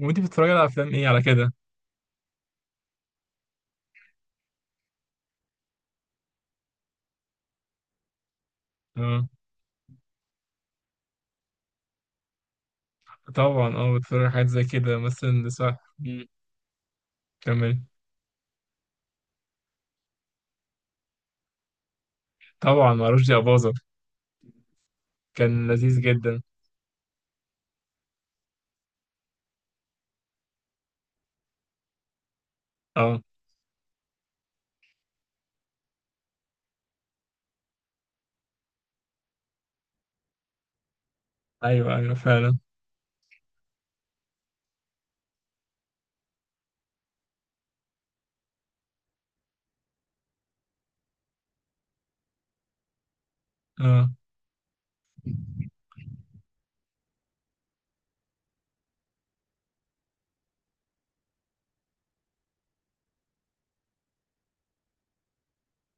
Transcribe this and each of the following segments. وانت بتتفرجي على افلام ايه على كده؟ اه. طبعا، بتتفرج على حاجات زي كده مثلا، صح. مم. كمل. طبعا معرفش يا باظة. كان لذيذ جدا. اه، ايوه ايوه فعلا. اه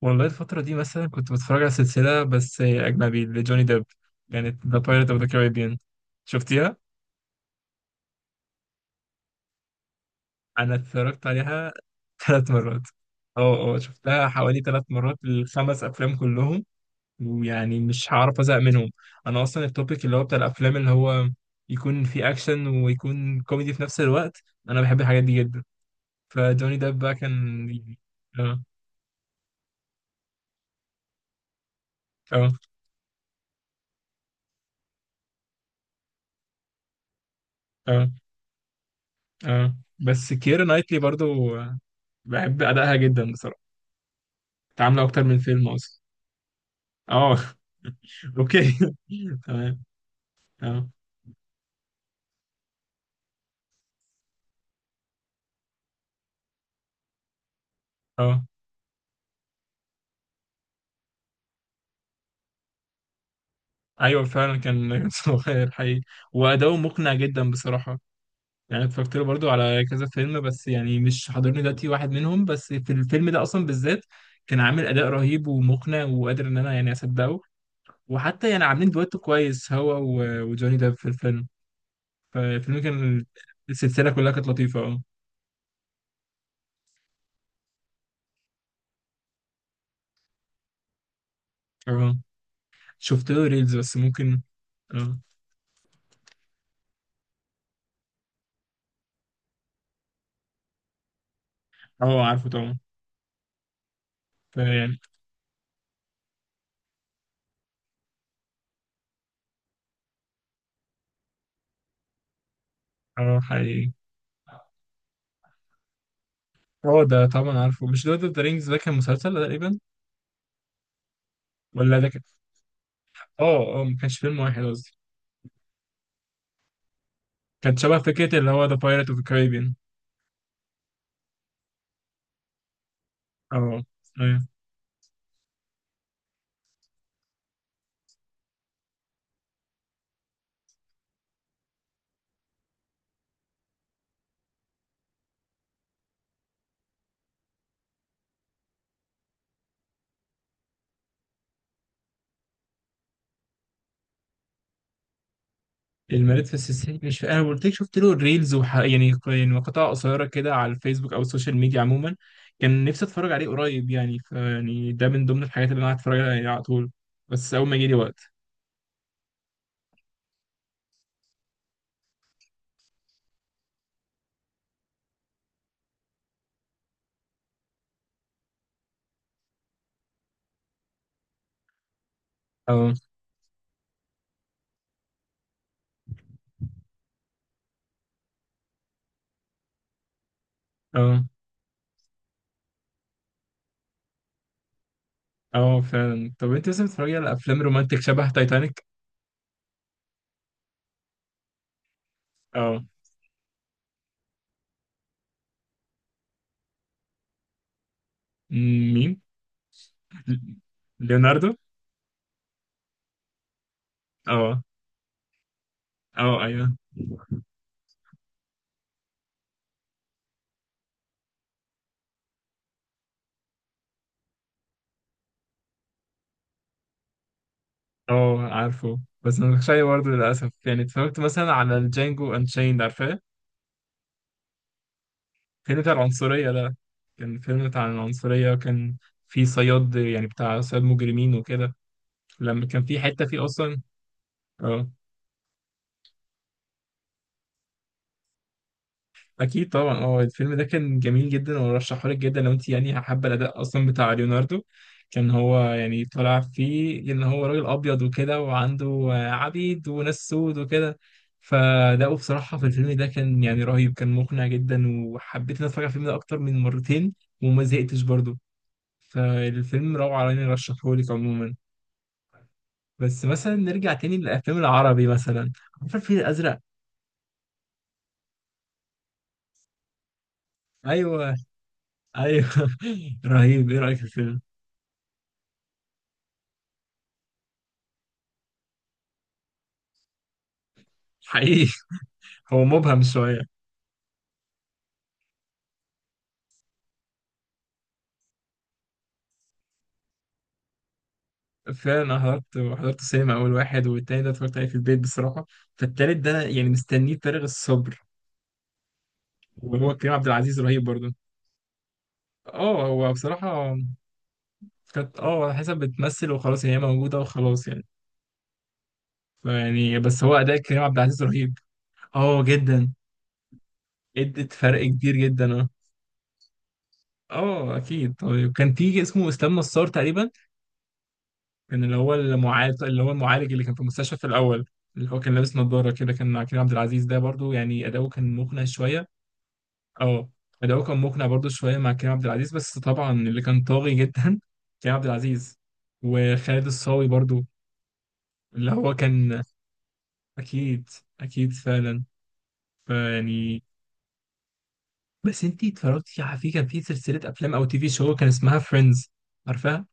والله الفترة دي مثلا كنت بتفرج على سلسلة بس أجنبي لجوني ديب. كانت ذا بايرت اوف ذا كاريبيان. شفتيها؟ أنا اتفرجت عليها 3 مرات. اه اه، شفتها حوالي 3 مرات، الخمس أفلام كلهم، ويعني مش هعرف ازهق منهم. انا اصلا التوبيك اللي هو بتاع الافلام اللي هو يكون فيه اكشن ويكون كوميدي في نفس الوقت، انا بحب الحاجات دي جدا. فجوني ديب بقى كان اه اه اه اه، بس كيرا نايتلي برضو بحب ادائها جدا بصراحه. تعامل اكتر من فيلم اصلا. اه. اوكي. تمام. اه، اه ايوه فعلا، كان صغير حقيقي. واداؤه مقنع جدا بصراحه، يعني أنا اتفرجت له برضو على كذا فيلم بس يعني مش حاضرني دلوقتي واحد منهم، بس في الفيلم ده اصلا بالذات كان عامل اداء رهيب ومقنع وقادر ان انا يعني اصدقه. وحتى يعني عاملين دويتو كويس هو وجوني ديب في الفيلم، فالفيلم كان، السلسله كلها كانت لطيفه، اه. اه، شفت له ريلز بس ممكن. اه، اه عارفه طبعا، فيعني، اه، حقيقي. اه ده طبعا عارفه، مش لورد اوف ذا رينجز ده كان مسلسل تقريبا، ولا ده كان، اه ما كانش فيلم واحد قصدي، كانت شبه فكره اللي هو ذا بايرت اوف the Caribbean. اه، ايوه. المريض في السيسي مش انا قلت لك، شفت له ريلز يعني مقاطع قصيره كده على الفيسبوك او السوشيال ميديا عموما. كان نفسي اتفرج عليه قريب، يعني فيعني ده من ضمن الحاجات اللي انا قاعد اتفرج عليها يعني على طول، بس اول ما يجي لي وقت. اه، اه، اه فعلا. طب انت مثلا بتتفرجي على افلام رومانتك شبه تايتانيك؟ اه. مين؟ ل- ليوناردو. اه، اه ايوه. اه، عارفه بس ما اتفرجتش عليه برضه للاسف، يعني اتفرجت مثلا على الجانجو انشيند، عارفاه؟ فيلم بتاع العنصرية ده. كان فيلم بتاع العنصرية، وكان في صياد يعني بتاع صياد مجرمين وكده، لما كان في حتة فيه أصلا. اه. أكيد طبعا، اه الفيلم ده كان جميل جدا، وأرشحه لك جدا لو أنت يعني حابة الأداء أصلا بتاع ليوناردو. كان هو يعني طالع فيه إن هو راجل أبيض وكده، وعنده آه، عبيد وناس سود وكده. فأداؤه بصراحة في الفيلم ده كان يعني رهيب، كان مقنع جدا، وحبيت إن أنا أتفرج على الفيلم ده أكتر من مرتين وما زهقتش برضه. فالفيلم روعة يعني، رشحهولك عموما. بس مثلا نرجع تاني للأفلام العربي مثلا، عارف الفيل الأزرق؟ أيوه، أيوه. رهيب، إيه رأيك في الفيلم؟ حقيقي. هو مبهم شوية. فعلا أنا حضرت السينما أول واحد، والتاني ده اتفرجت عليه في البيت بصراحة. فالتالت ده أنا يعني مستنيه بفارغ الصبر. وهو كريم عبد العزيز رهيب برضه. اه، هو بصراحة كانت، اه على حسب بتمثل وخلاص، يعني هي موجودة وخلاص يعني. فيعني بس هو أداء كريم عبد العزيز رهيب. اه، جدا، ادت فرق كبير جدا، آه. اه اكيد. طيب كان في اسمه اسلام نصار تقريبا، كان اللي هو المعالج، اللي هو المعالج اللي كان في المستشفى في الاول، اللي هو كان لابس نظاره كده، كان مع كريم عبد العزيز ده برضو يعني، اداؤه كان مقنع شويه. اه. اداؤه كان مقنع برضو شويه مع كريم عبد العزيز، بس طبعا اللي كان طاغي جدا كريم عبد العزيز، وخالد الصاوي برضو اللي هو كان. اكيد، اكيد فعلا، فيعني، بس انتي اتفرجتي على، في كان في سلسله افلام او تي في شو كان اسمها فريندز، عارفاها؟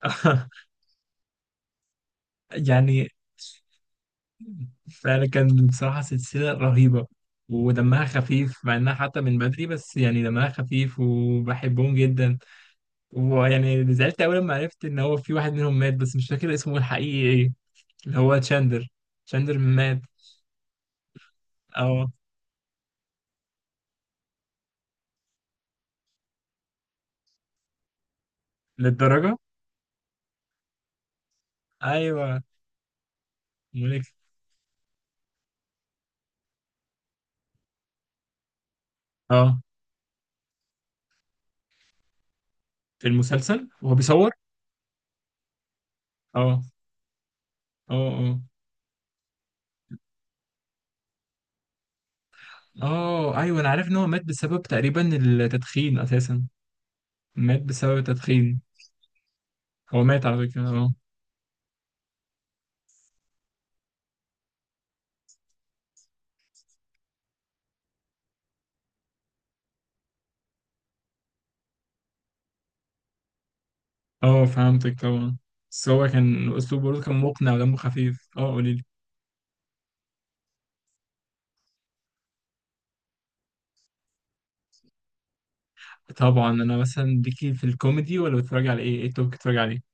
يعني، فكان بصراحة سلسلة رهيبة ودمها خفيف مع انها حتى من بدري، بس يعني دمها خفيف وبحبهم جدا. ويعني زعلت اول ما عرفت ان هو في واحد منهم مات، بس مش فاكر اسمه الحقيقي ايه، اللي هو تشاندر. تشاندر مات. اه، للدرجة؟ ايوه، ملك. اه، في المسلسل وهو بيصور. اه، اه، اه. اه ايوه، انا عارف ان هو مات بسبب تقريبا التدخين اساسا، مات بسبب التدخين. هو مات على فكرة، اه. اه فهمتك طبعا، بس هو كان الأسلوب برضه كان مقنع ودمه خفيف. اه، قوليلي. طبعا أنا مثلا، ليكي في الكوميدي ولا بتتفرجي على إيه؟ إيه التوب بتتفرجي عليه؟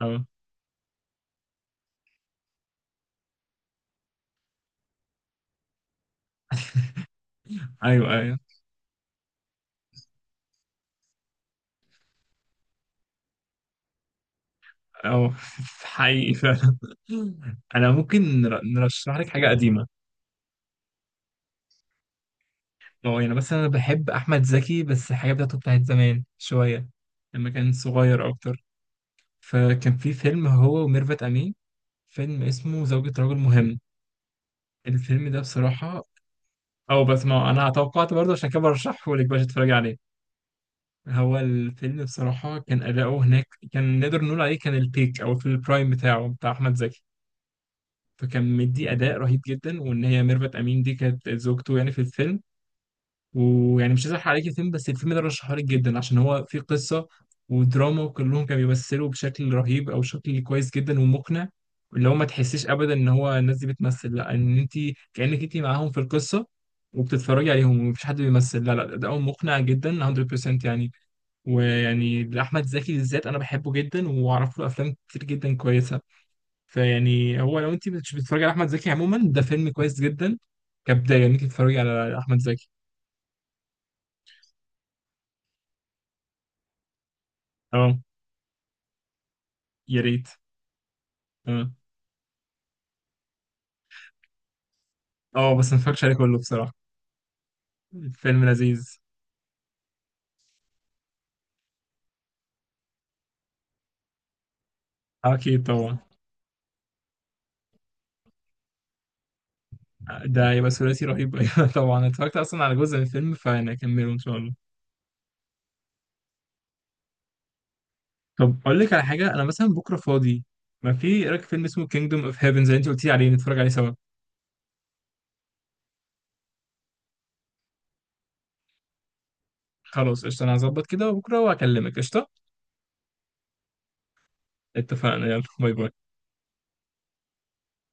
اه، أيوه أيوه. اه، حقيقي فعلا. أنا ممكن نرشح لك حاجة قديمة. اه، يعني مثلا أنا بحب أحمد زكي، بس الحاجة بتاعته بتاعت زمان شوية، لما كان صغير أكتر. فكان في فيلم هو وميرفت أمين، فيلم اسمه زوجة رجل مهم. الفيلم ده بصراحة، أو بس ما أنا توقعت برضه، عشان كده برشحه لك باش تتفرجي عليه. هو الفيلم بصراحة كان أداؤه هناك كان نقدر نقول عليه كان البيك، أو في البرايم بتاعه بتاع أحمد زكي. فكان مدي أداء رهيب جدا، وإن هي ميرفت أمين دي كانت زوجته يعني في الفيلم. ويعني مش عايز أحرق عليك الفيلم، بس الفيلم ده رشحه لك جدا، عشان هو فيه قصة ودراما، وكلهم كانوا بيمثلوا بشكل رهيب أو شكل كويس جدا ومقنع، اللي هو ما تحسيش أبدا إن هو الناس دي بتمثل، لا، إن أنت كأنك أنت معاهم في القصة وبتتفرجي عليهم ومفيش حد بيمثل. لا لا، أداؤهم مقنع جدا 100% يعني. ويعني لأحمد زكي بالذات أنا بحبه جدا، وأعرف له أفلام كتير جدا كويسة. فيعني هو لو أنت مش بتتفرجي على أحمد زكي عموما، ده فيلم كويس جدا كبداية إنك تتفرجي على أحمد زكي. أه، يا ريت. أه، أه بس ما اتفرجتش عليه كله بصراحة. فيلم لذيذ. أكيد طبعا، ده يبقى ثلاثي رهيب. أيوة طبعا أنا اتفرجت أصلا على جزء من الفيلم، فأنا أكمله إن شاء الله. طب أقول لك على حاجة، أنا مثلا بكرة فاضي، ما في، إيه رأيك فيلم اسمه Kingdom of Heaven زي أنت قلتي عليه، نتفرج عليه سوا؟ خلاص قشطة أنا هظبط كده، وبكرة وأكلمك قشطة. اتفقنا يلا، باي باي.